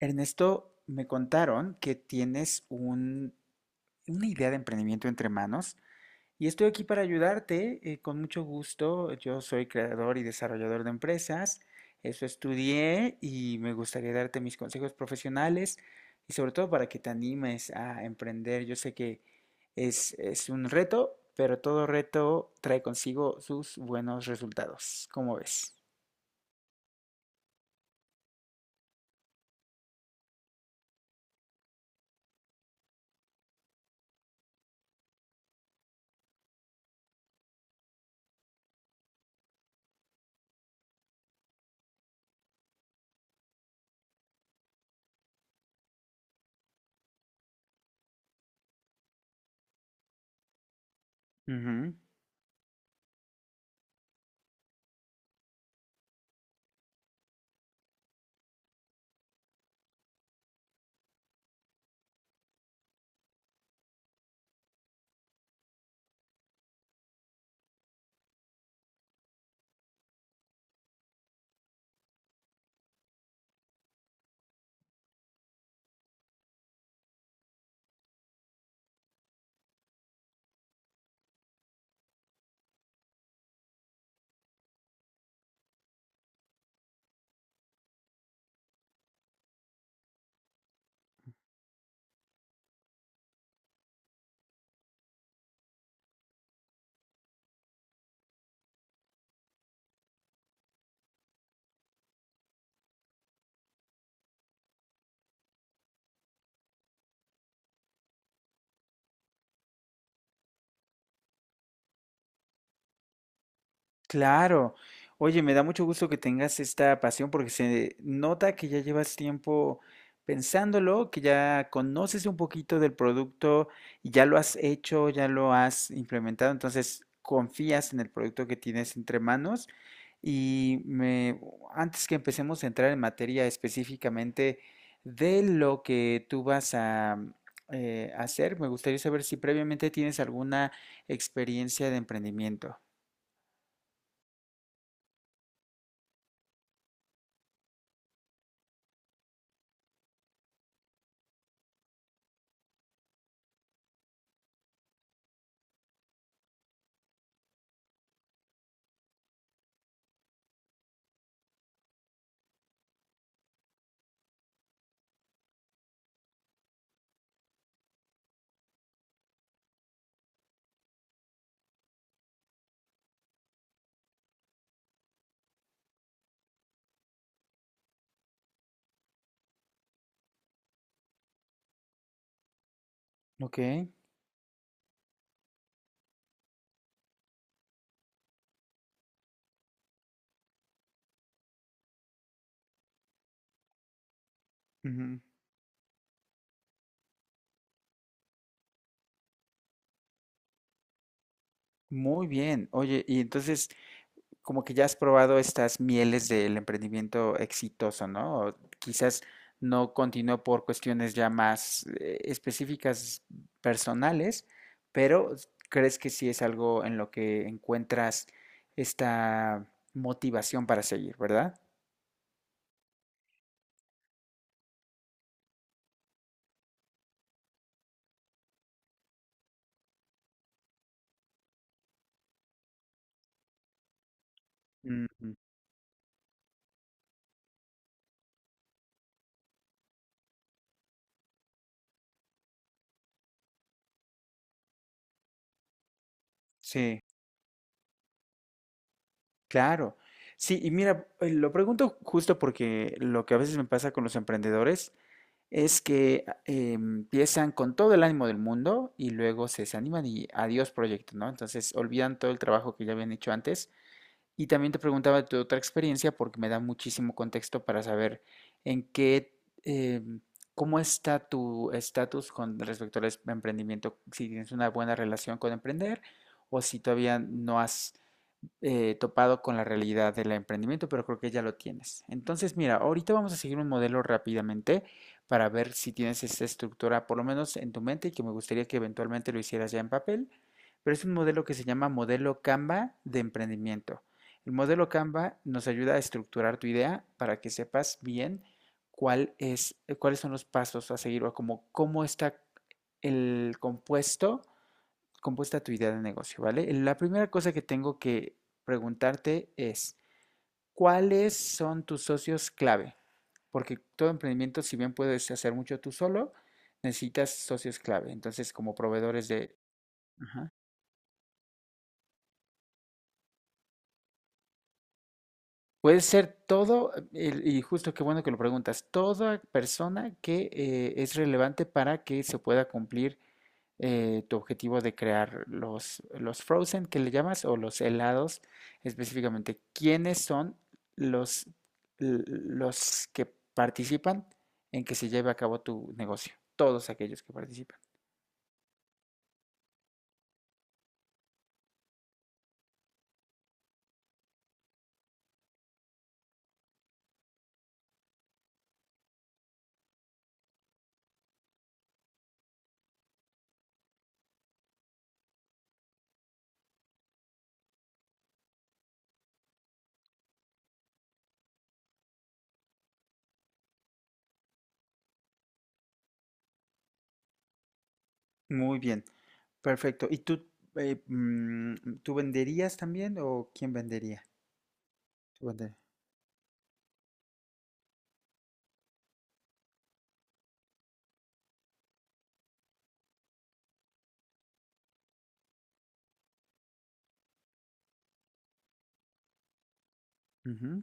Ernesto, me contaron que una idea de emprendimiento entre manos y estoy aquí para ayudarte, con mucho gusto. Yo soy creador y desarrollador de empresas, eso estudié y me gustaría darte mis consejos profesionales y sobre todo para que te animes a emprender. Yo sé que es un reto, pero todo reto trae consigo sus buenos resultados. ¿Cómo ves? Ujú. Claro. Oye, me da mucho gusto que tengas esta pasión porque se nota que ya llevas tiempo pensándolo, que ya conoces un poquito del producto y ya lo has hecho, ya lo has implementado, entonces confías en el producto que tienes entre manos. Y me, antes que empecemos a entrar en materia específicamente de lo que tú vas a hacer, me gustaría saber si previamente tienes alguna experiencia de emprendimiento. Ok. Ujú. Muy bien. Oye, y entonces, como que ya has probado estas mieles del emprendimiento exitoso, ¿no? O quizás no continuó por cuestiones ya más específicas personales, pero ¿crees que sí es algo en lo que encuentras esta motivación para seguir, ¿verdad? Ujú. Sí, claro. Sí, y mira, lo pregunto justo porque lo que a veces me pasa con los emprendedores es que empiezan con todo el ánimo del mundo y luego se desaniman y adiós proyecto, ¿no? Entonces olvidan todo el trabajo que ya habían hecho antes. Y también te preguntaba de tu otra experiencia porque me da muchísimo contexto para saber en qué, cómo está tu estatus con respecto al emprendimiento, si tienes una buena relación con emprender o si todavía no has topado con la realidad del emprendimiento, pero creo que ya lo tienes. Entonces, mira, ahorita vamos a seguir un modelo rápidamente para ver si tienes esta estructura, por lo menos en tu mente, y que me gustaría que eventualmente lo hicieras ya en papel, pero es un modelo que se llama modelo Canva de emprendimiento. El modelo Canva nos ayuda a estructurar tu idea para que sepas bien cuál es, cuáles son los pasos a seguir o cómo está el compuesto compuesta tu idea de negocio, ¿vale? La primera cosa que tengo que preguntarte es, ¿cuáles son tus socios clave? Porque todo emprendimiento, si bien puedes hacer mucho tú solo, necesitas socios clave. Entonces, como proveedores de... Ajá. Puede ser todo, y justo qué bueno que lo preguntas, toda persona que es relevante para que se pueda cumplir tu objetivo de crear los frozen que le llamas o los helados específicamente. ¿Quiénes son los, los que participan en que se lleve a cabo tu negocio? Todos aquellos que participan. Muy bien, perfecto. ¿Y tú, tú venderías también o quién vendería? Tú vende- Ujú.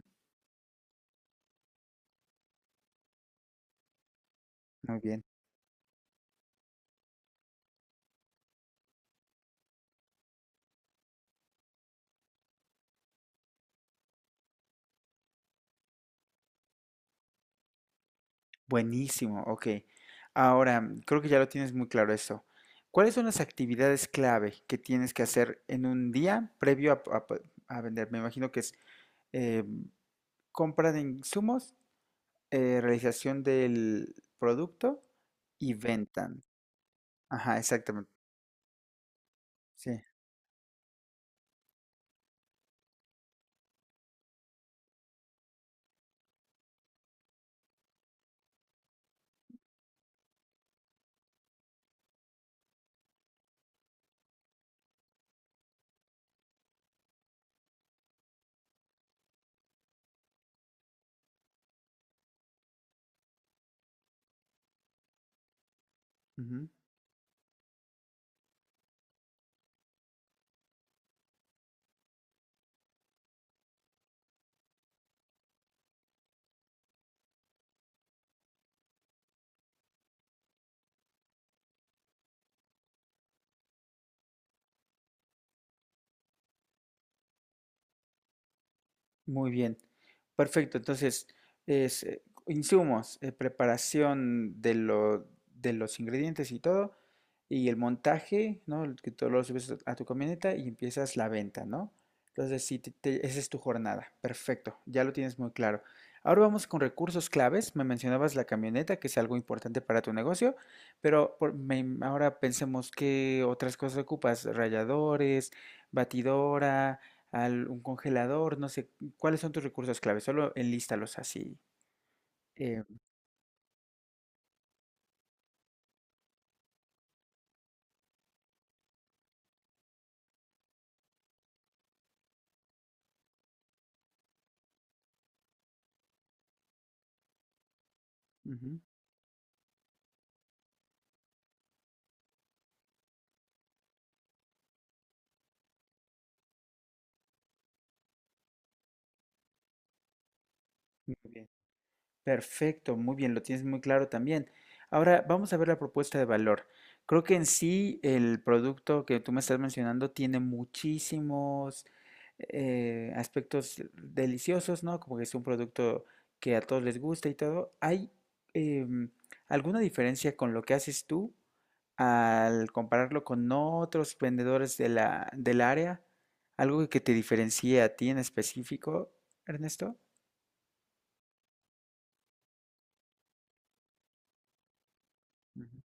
Muy bien. Buenísimo, ok. Ahora, creo que ya lo tienes muy claro eso. ¿Cuáles son las actividades clave que tienes que hacer en un día previo a, pues, a vender? Me imagino que es eh, compra de insumos, realización del producto y venta. Ajá, exactamente. Sí. Muy bien, perfecto. Entonces, es, insumos, preparación de, de los ingredientes y todo, y el montaje, ¿no? El que todo lo subes a tu camioneta y empiezas la venta, ¿no? Entonces, sí, esa es tu jornada. Perfecto, ya lo tienes muy claro. Ahora vamos con recursos claves. Me mencionabas la camioneta, que es algo importante para tu negocio, pero ahora pensemos qué otras cosas ocupas, ralladores, batidora un congelador, no sé, ¿cuáles son tus recursos clave? Solo enlístalos así. Eh, ujú. Muy bien. Perfecto, muy bien, lo tienes muy claro también. Ahora vamos a ver la propuesta de valor. Creo que en sí el producto que tú me estás mencionando tiene muchísimos aspectos deliciosos, ¿no? Como que es un producto que a todos les gusta y todo. ¿Hay em, alguna diferencia con lo que haces tú al compararlo con otros vendedores de del área? ¿Algo que te diferencie a ti en específico, Ernesto? Ujú.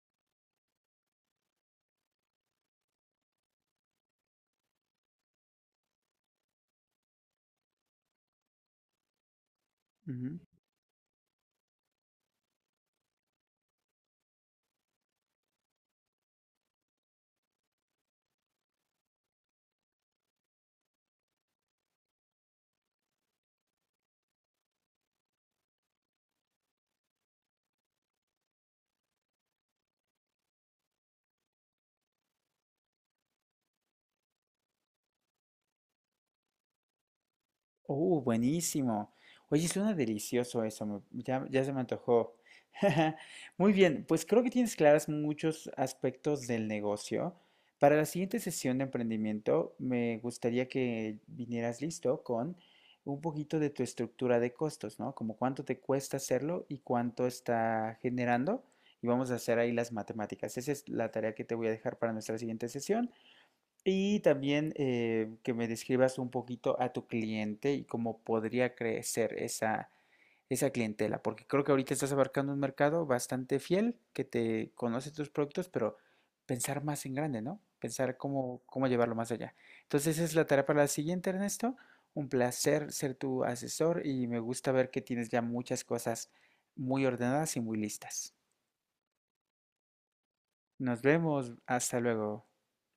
Ujú. Buenísimo. Oye, suena delicioso eso, ya, ya se me antojó. Muy bien, pues creo que tienes claras muchos aspectos del negocio. Para la siguiente sesión de emprendimiento, me gustaría que vinieras listo con un poquito de tu estructura de costos, ¿no? Como cuánto te cuesta hacerlo y cuánto está generando. Y vamos a hacer ahí las matemáticas. Esa es la tarea que te voy a dejar para nuestra siguiente sesión. Y también que me describas un poquito a tu cliente y cómo podría crecer esa clientela, porque creo que ahorita estás abarcando un mercado bastante fiel que te conoce tus productos, pero pensar más en grande, ¿no? Pensar cómo llevarlo más allá. Entonces, esa es la tarea para la siguiente, Ernesto. Un placer ser tu asesor y me gusta ver que tienes ya muchas cosas muy ordenadas y muy listas. Nos vemos. Hasta luego.